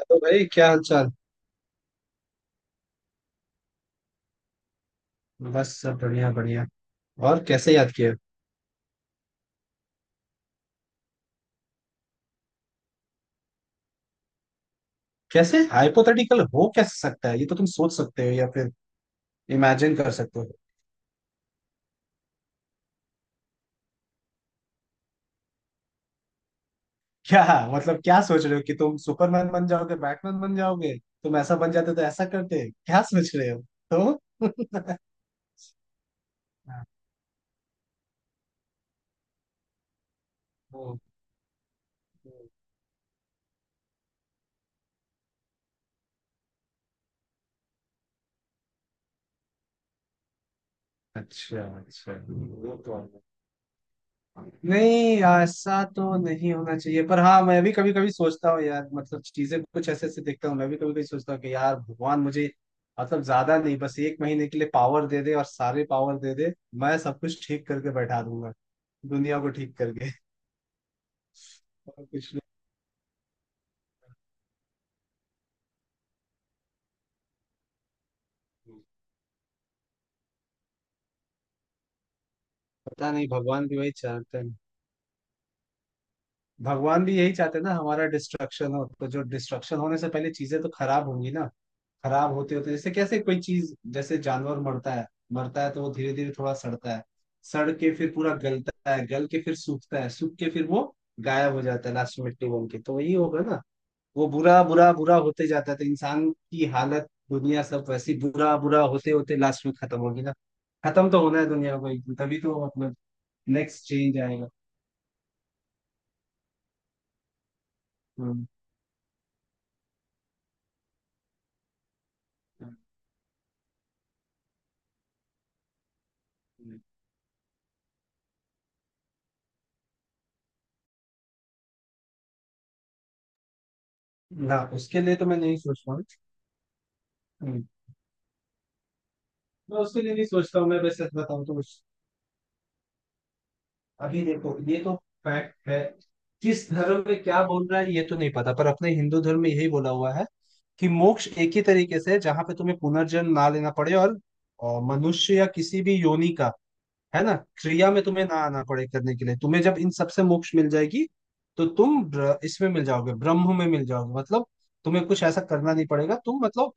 Hello भाई, क्या हाल चाल। बस सब बढ़िया बढ़िया। और कैसे याद किया? कैसे हाइपोथेटिकल हो कैसे सकता है, ये तो तुम सोच सकते हो या फिर इमेजिन कर सकते हो। क्या मतलब, क्या सोच रहे हो कि तुम सुपरमैन बन जाओगे, बैटमैन बन जाओगे? तुम ऐसा बन जाते तो ऐसा करते, क्या सोच रहे हो? तो हाँ। ओ। ओ। अच्छा अच्छा, वो तो है। नहीं, ऐसा तो नहीं होना चाहिए, पर हाँ मैं भी कभी कभी सोचता हूँ यार। मतलब चीजें कुछ ऐसे ऐसे देखता हूँ, मैं भी कभी कभी सोचता हूँ कि यार भगवान मुझे मतलब ज्यादा नहीं, बस एक महीने के लिए पावर दे दे, और सारे पावर दे दे। मैं सब कुछ ठीक करके बैठा दूंगा, दुनिया को ठीक करके। और कुछ नहीं। पता नहीं, भगवान भी वही चाहते हैं। भगवान भी यही चाहते हैं ना, हमारा डिस्ट्रक्शन हो, तो जो डिस्ट्रक्शन होने से पहले चीजें तो खराब होंगी ना। खराब होते होते, जैसे कैसे कोई चीज जैसे जानवर मरता है, मरता है तो वो धीरे धीरे थोड़ा सड़ता है। सड़ के फिर पूरा गलता है, गल के फिर सूखता है, सूख के फिर वो गायब हो जाता है, लास्ट में मिट्टी बन के। तो वही होगा ना, वो बुरा बुरा बुरा होते जाता है। तो इंसान की हालत, दुनिया सब वैसी बुरा बुरा होते होते लास्ट में खत्म होगी ना। खत्म तो होना है दुनिया को एक दिन, तभी तो मतलब नेक्स्ट चेंज आएगा। हम्म हम्म, हम्म। ना, उसके लिए तो मैं नहीं सोच रहा हूँ। हम्म। मैं उसके लिए नहीं सोचता हूँ, मैं वैसे बताऊँ तो अभी देखो, ये तो फैक्ट है। किस धर्म में क्या बोल रहा है ये तो नहीं पता, पर अपने हिंदू धर्म में यही बोला हुआ है कि मोक्ष एक ही तरीके से है, जहां पे तुम्हें पुनर्जन्म ना लेना पड़े, और मनुष्य या किसी भी योनि का, है ना, क्रिया में तुम्हें ना आना पड़े करने के लिए। तुम्हें जब इन सबसे मोक्ष मिल जाएगी, तो तुम इसमें मिल जाओगे, ब्रह्म में मिल जाओगे। मतलब तुम्हें कुछ ऐसा करना नहीं पड़ेगा, तुम मतलब।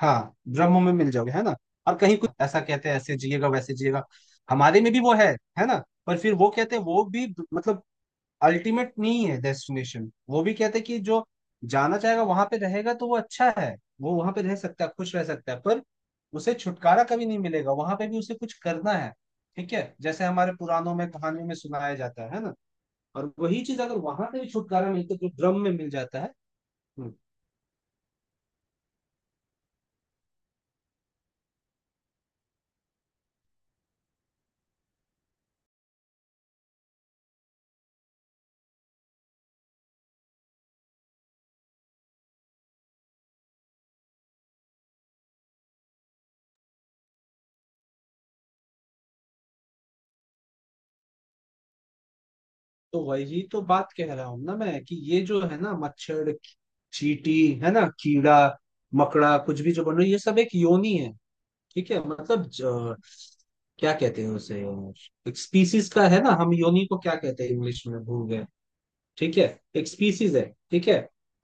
हाँ ब्रह्म में मिल जाओगे, है ना। और कहीं कुछ ऐसा कहते हैं, ऐसे जिएगा वैसे जिएगा, हमारे में भी वो है ना। पर फिर वो कहते हैं वो भी मतलब अल्टीमेट नहीं है डेस्टिनेशन। वो भी कहते हैं कि जो जाना चाहेगा वहां पे रहेगा तो वो अच्छा है, वो वहां पे रह सकता है, खुश रह सकता है, पर उसे छुटकारा कभी नहीं मिलेगा। वहां पे भी उसे कुछ करना है, ठीक है, जैसे हमारे पुराणों में कहानियों में सुनाया जाता है ना। और वही चीज, अगर वहां पे भी छुटकारा मिलता है, जो ब्रह्म में मिल जाता है। हम्म। तो वही तो बात कह रहा हूँ ना मैं, कि ये जो है ना मच्छर, चींटी, है ना कीड़ा मकड़ा, कुछ भी जो बन रही, ये सब एक योनि है। ठीक है, मतलब क्या कहते हैं उसे, एक स्पीसीज का। है ना, हम योनि को क्या कहते हैं इंग्लिश में भूल गए। ठीक है, एक स्पीसीज है, ठीक है।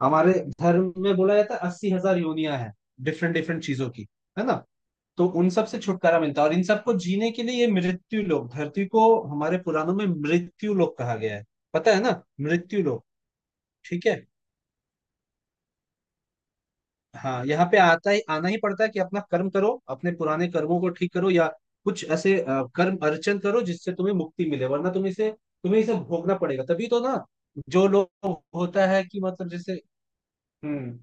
हमारे धर्म में बोला जाता है अस्सी हजार योनियां हैं, डिफरेंट डिफरेंट चीजों की, है ना। तो उन सब से छुटकारा मिलता है, और इन सबको जीने के लिए ये मृत्यु लोक, धरती को हमारे पुराणों में मृत्यु लोक कहा गया है, पता है ना, मृत्यु लोक। ठीक है, हाँ, यहाँ पे आता ही, आना ही पड़ता है कि अपना कर्म करो, अपने पुराने कर्मों को ठीक करो, या कुछ ऐसे कर्म अर्चन करो जिससे तुम्हें मुक्ति मिले, वरना तुम इसे, तुम्हें इसे भोगना पड़ेगा, तभी तो ना। जो लोग होता है कि मतलब जैसे। हम्म।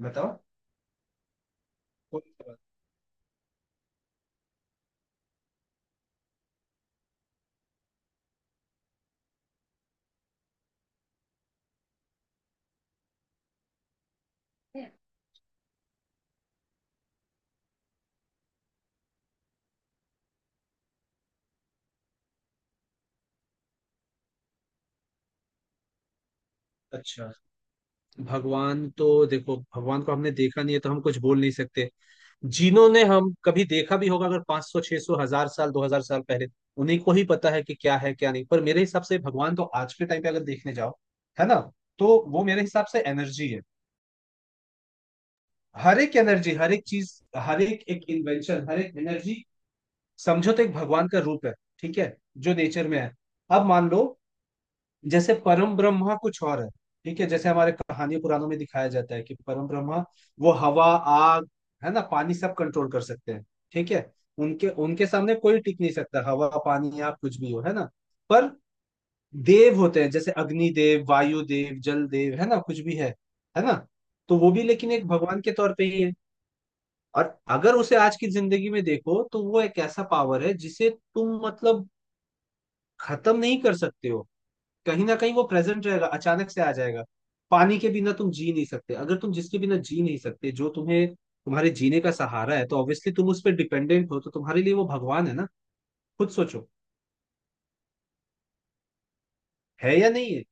बताओ, कौन सा बात? अच्छा। भगवान तो देखो, भगवान को हमने देखा नहीं है, तो हम कुछ बोल नहीं सकते। जिन्होंने हम कभी देखा भी होगा अगर, 500 600 हजार साल, 2000 साल पहले, उन्हीं को ही पता है कि क्या है क्या नहीं। पर मेरे हिसाब से भगवान तो आज के टाइम पे अगर देखने जाओ, है ना, तो वो मेरे हिसाब से एनर्जी है। हर एक एनर्जी, हर एक चीज, हर एक एक इन्वेंशन, हर एक एनर्जी समझो, तो एक भगवान का रूप है, ठीक है, जो नेचर में है। अब मान लो, जैसे परम ब्रह्मा कुछ और है। ठीक है, जैसे हमारे कहानी पुराणों में दिखाया जाता है कि परम ब्रह्मा वो हवा, आग, है ना, पानी सब कंट्रोल कर सकते हैं। ठीक है, उनके उनके सामने कोई टिक नहीं सकता, हवा पानी आग कुछ भी हो, है ना। पर देव होते हैं, जैसे अग्नि देव, वायु देव, जल देव, है ना, कुछ भी है ना। तो वो भी लेकिन एक भगवान के तौर पे ही है। और अगर उसे आज की जिंदगी में देखो तो वो एक ऐसा पावर है जिसे तुम मतलब खत्म नहीं कर सकते हो। कहीं ना कहीं वो प्रेजेंट रहेगा, अचानक से आ जाएगा। पानी के बिना तुम जी नहीं सकते, अगर तुम जिसके बिना जी नहीं सकते, जो तुम्हें तुम्हारे जीने का सहारा है, तो ऑब्वियसली तुम उस पर डिपेंडेंट हो, तो तुम्हारे लिए वो भगवान है ना। खुद सोचो, है या नहीं है।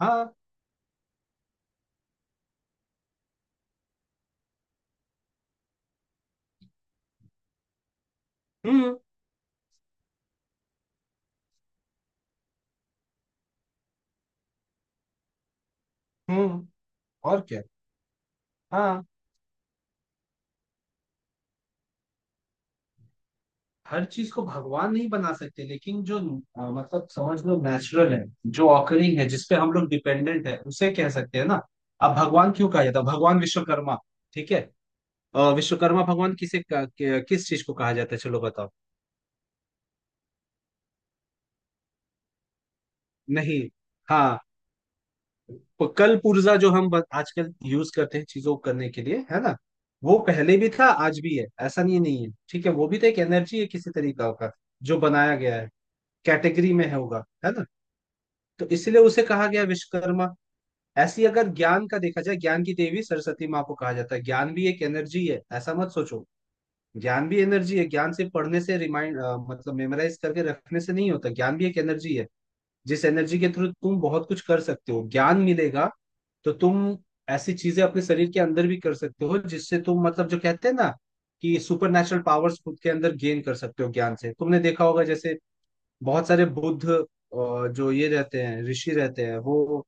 हाँ। हम्म हम्म। और क्या। हाँ, हर चीज को भगवान नहीं बना सकते, लेकिन जो मतलब समझ लो नेचुरल है, जो ऑकरिंग है, जिसपे हम लोग डिपेंडेंट है, उसे कह सकते हैं ना। अब भगवान क्यों कहा जाता है भगवान विश्वकर्मा, ठीक है। विश्वकर्मा भगवान किसे किस चीज को कहा जाता है, चलो बताओ। नहीं। हाँ, कल पुर्जा जो हम आजकल यूज करते हैं चीजों को करने के लिए, है ना, वो पहले भी था आज भी है, ऐसा नहीं नहीं है। ठीक है, वो भी तो एक एनर्जी है किसी तरीका का जो बनाया गया है, कैटेगरी में है होगा, है ना। तो इसलिए उसे कहा गया विश्वकर्मा। ऐसी अगर ज्ञान का देखा जाए, ज्ञान की देवी सरस्वती माँ को कहा जाता है। ज्ञान भी एक एनर्जी है, ऐसा मत सोचो ज्ञान भी एनर्जी है। ज्ञान सिर्फ पढ़ने से रिमाइंड मतलब मेमोराइज करके रखने से नहीं होता, ज्ञान भी एक एनर्जी है, जिस एनर्जी के थ्रू तुम बहुत कुछ कर सकते हो। ज्ञान मिलेगा तो तुम ऐसी चीजें अपने शरीर के अंदर भी कर सकते हो, जिससे तुम मतलब जो कहते हैं ना कि सुपर नेचुरल पावर्स खुद के अंदर गेन कर सकते हो। ज्ञान से, तुमने देखा होगा जैसे बहुत सारे बुद्ध जो ये रहते हैं, ऋषि रहते हैं, वो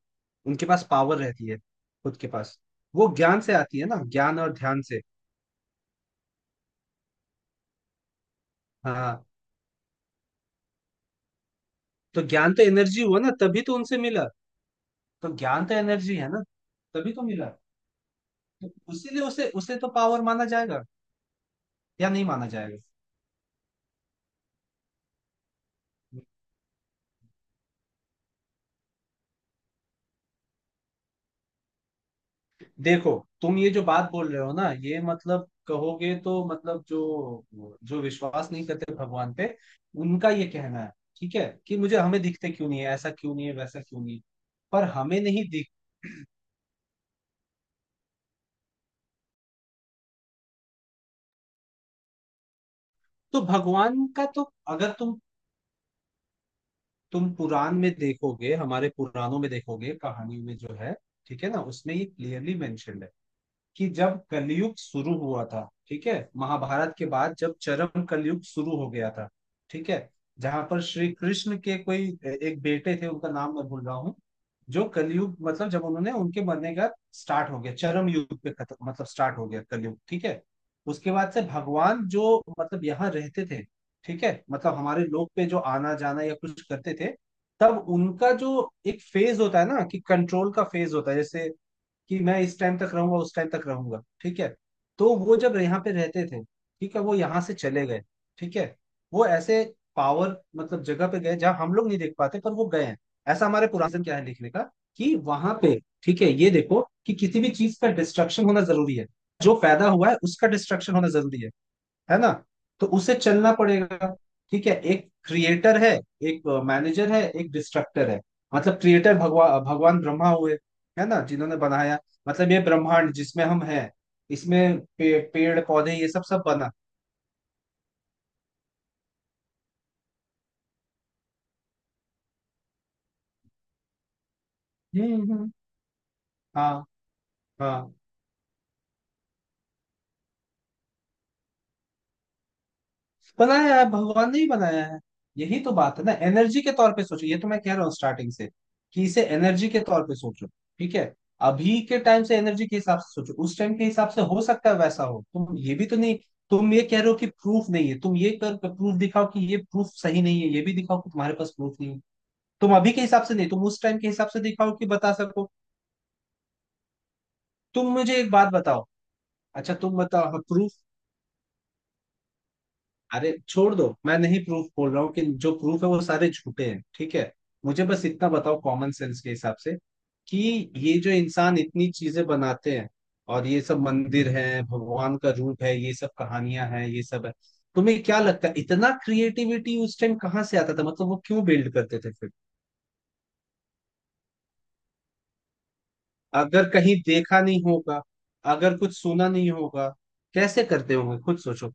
उनके पास पावर रहती है खुद के पास। वो ज्ञान से आती है ना, ज्ञान और ध्यान से। हाँ, तो ज्ञान तो एनर्जी हुआ ना, तभी तो उनसे मिला। तो ज्ञान तो एनर्जी है ना, तभी तो मिला। तो उसीलिए उसे उसे तो पावर माना जाएगा या नहीं माना जाएगा। देखो, तुम ये जो बात बोल रहे हो ना, ये मतलब कहोगे तो, मतलब जो जो विश्वास नहीं करते भगवान पे, उनका ये कहना है, ठीक है, कि मुझे हमें दिखते क्यों नहीं है, ऐसा क्यों नहीं है, वैसा क्यों नहीं है। पर हमें नहीं दिख, तो भगवान का तो, अगर तुम, तुम पुराण में देखोगे, हमारे पुराणों में देखोगे कहानी में जो है, ठीक है ना, उसमें ये क्लियरली मेंशन्ड है कि जब कलयुग शुरू हुआ था। ठीक है, महाभारत के बाद जब चरम कलयुग शुरू हो गया था, ठीक है, जहां पर श्री कृष्ण के कोई एक बेटे थे, उनका नाम मैं भूल रहा हूँ, जो कलयुग मतलब जब उन्होंने उनके मरने का स्टार्ट हो गया, चरम युग पे खत्म, मतलब स्टार्ट हो गया कलयुग। ठीक है, उसके बाद से भगवान जो मतलब यहाँ रहते थे, ठीक है, मतलब हमारे लोक पे जो आना जाना या कुछ करते थे, तब उनका जो एक फेज होता है ना कि कंट्रोल का फेज होता है जैसे कि मैं इस टाइम तक रहूंगा, उस टाइम तक रहूंगा, ठीक है। तो वो जब यहाँ पे रहते थे, ठीक है, वो यहाँ से चले गए, ठीक है। वो ऐसे पावर मतलब जगह पे गए जहाँ हम लोग नहीं देख पाते, पर वो गए हैं, ऐसा हमारे पुराने क्या है लिखने का। कि वहां पे, ठीक है, ये देखो कि किसी भी चीज का डिस्ट्रक्शन होना जरूरी है, जो पैदा हुआ है उसका डिस्ट्रक्शन होना जरूरी है ना। तो उसे चलना पड़ेगा। ठीक है, एक क्रिएटर है, एक मैनेजर है, एक डिस्ट्रक्टर है। मतलब क्रिएटर भगवा भगवान ब्रह्मा हुए, है ना, जिन्होंने बनाया, मतलब ये ब्रह्मांड जिसमें हम हैं, इसमें पे, पेड़ पौधे ये सब सब बना। हम्म। हाँ हाँ। बनाया है, भगवान ने ही बनाया है। यही तो बात है ना, एनर्जी के तौर पे सोचो, ये तो मैं कह रहा हूँ स्टार्टिंग से कि इसे एनर्जी के तौर पे सोचो, ठीक है। अभी के टाइम से एनर्जी के हिसाब से सोचो, उस टाइम के हिसाब से हो सकता है वैसा हो। तुम ये भी तो नहीं, तुम ये कह रहे हो कि प्रूफ नहीं है, तुम ये कर प्रूफ दिखाओ कि ये प्रूफ सही नहीं है, ये भी दिखाओ कि तुम्हारे पास प्रूफ नहीं है। तुम अभी के हिसाब से नहीं, तुम उस टाइम के हिसाब से दिखाओ कि बता सको। तुम मुझे एक बात बताओ। अच्छा तुम बताओ प्रूफ। अरे छोड़ दो, मैं नहीं प्रूफ बोल रहा हूँ कि जो प्रूफ है वो सारे झूठे हैं, ठीक है। मुझे बस इतना बताओ कॉमन सेंस के हिसाब से, कि ये जो इंसान इतनी चीजें बनाते हैं, और ये सब मंदिर है भगवान का रूप है, ये सब कहानियां हैं, ये सब है, तुम्हें क्या लगता है इतना क्रिएटिविटी उस टाइम कहाँ से आता था, मतलब वो क्यों बिल्ड करते थे फिर? अगर कहीं देखा नहीं होगा, अगर कुछ सुना नहीं होगा, कैसे करते होंगे, खुद सोचो।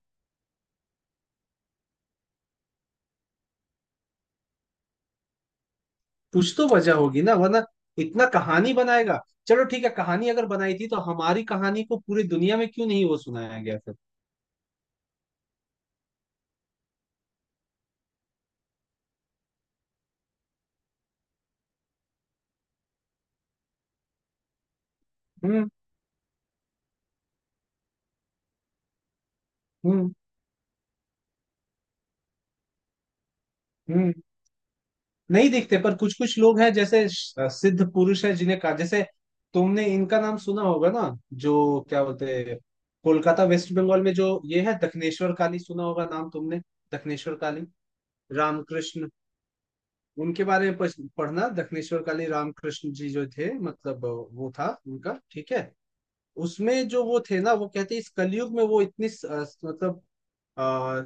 कुछ तो वजह होगी ना, वरना इतना कहानी बनाएगा। चलो ठीक है, कहानी अगर बनाई थी तो हमारी कहानी को पूरी दुनिया में क्यों नहीं वो सुनाया गया फिर? हम्म हम्म हम्म। नहीं दिखते, पर कुछ कुछ लोग हैं जैसे सिद्ध पुरुष है, जिन्हें कहा जैसे, तुमने इनका नाम सुना होगा ना, जो क्या बोलते हैं, कोलकाता वेस्ट बंगाल में जो ये है दक्षिणेश्वर काली, सुना होगा नाम तुमने, दक्षिणेश्वर काली, रामकृष्ण। उनके बारे में पढ़ना, दक्षिणेश्वर काली रामकृष्ण जी जो थे, मतलब वो था उनका, ठीक है। उसमें जो वो थे ना, वो कहते इस कलयुग में वो इतनी मतलब आ,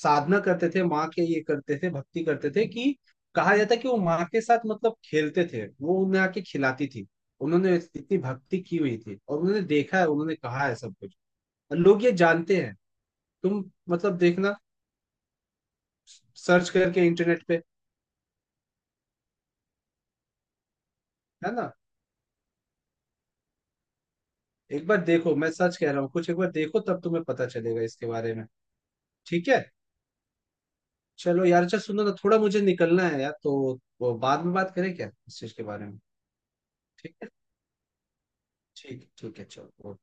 साधना करते थे, माँ के ये करते थे, भक्ति करते थे, कि कहा जाता है कि वो माँ के साथ मतलब खेलते थे, वो उन्हें आके खिलाती थी। उन्होंने इतनी भक्ति की हुई थी, और उन्होंने देखा है, उन्होंने कहा है सब कुछ, और लोग ये जानते हैं। तुम मतलब देखना, सर्च करके इंटरनेट पे, है ना, एक बार देखो, मैं सच कह रहा हूँ कुछ। एक बार देखो तब तुम्हें पता चलेगा इसके बारे में। ठीक है। चलो यार, अच्छा सुनो ना, थोड़ा मुझे निकलना है यार, तो वो बाद में बात करें क्या इस चीज के बारे में। ठीक है, ठीक है, ठीक है, चलो।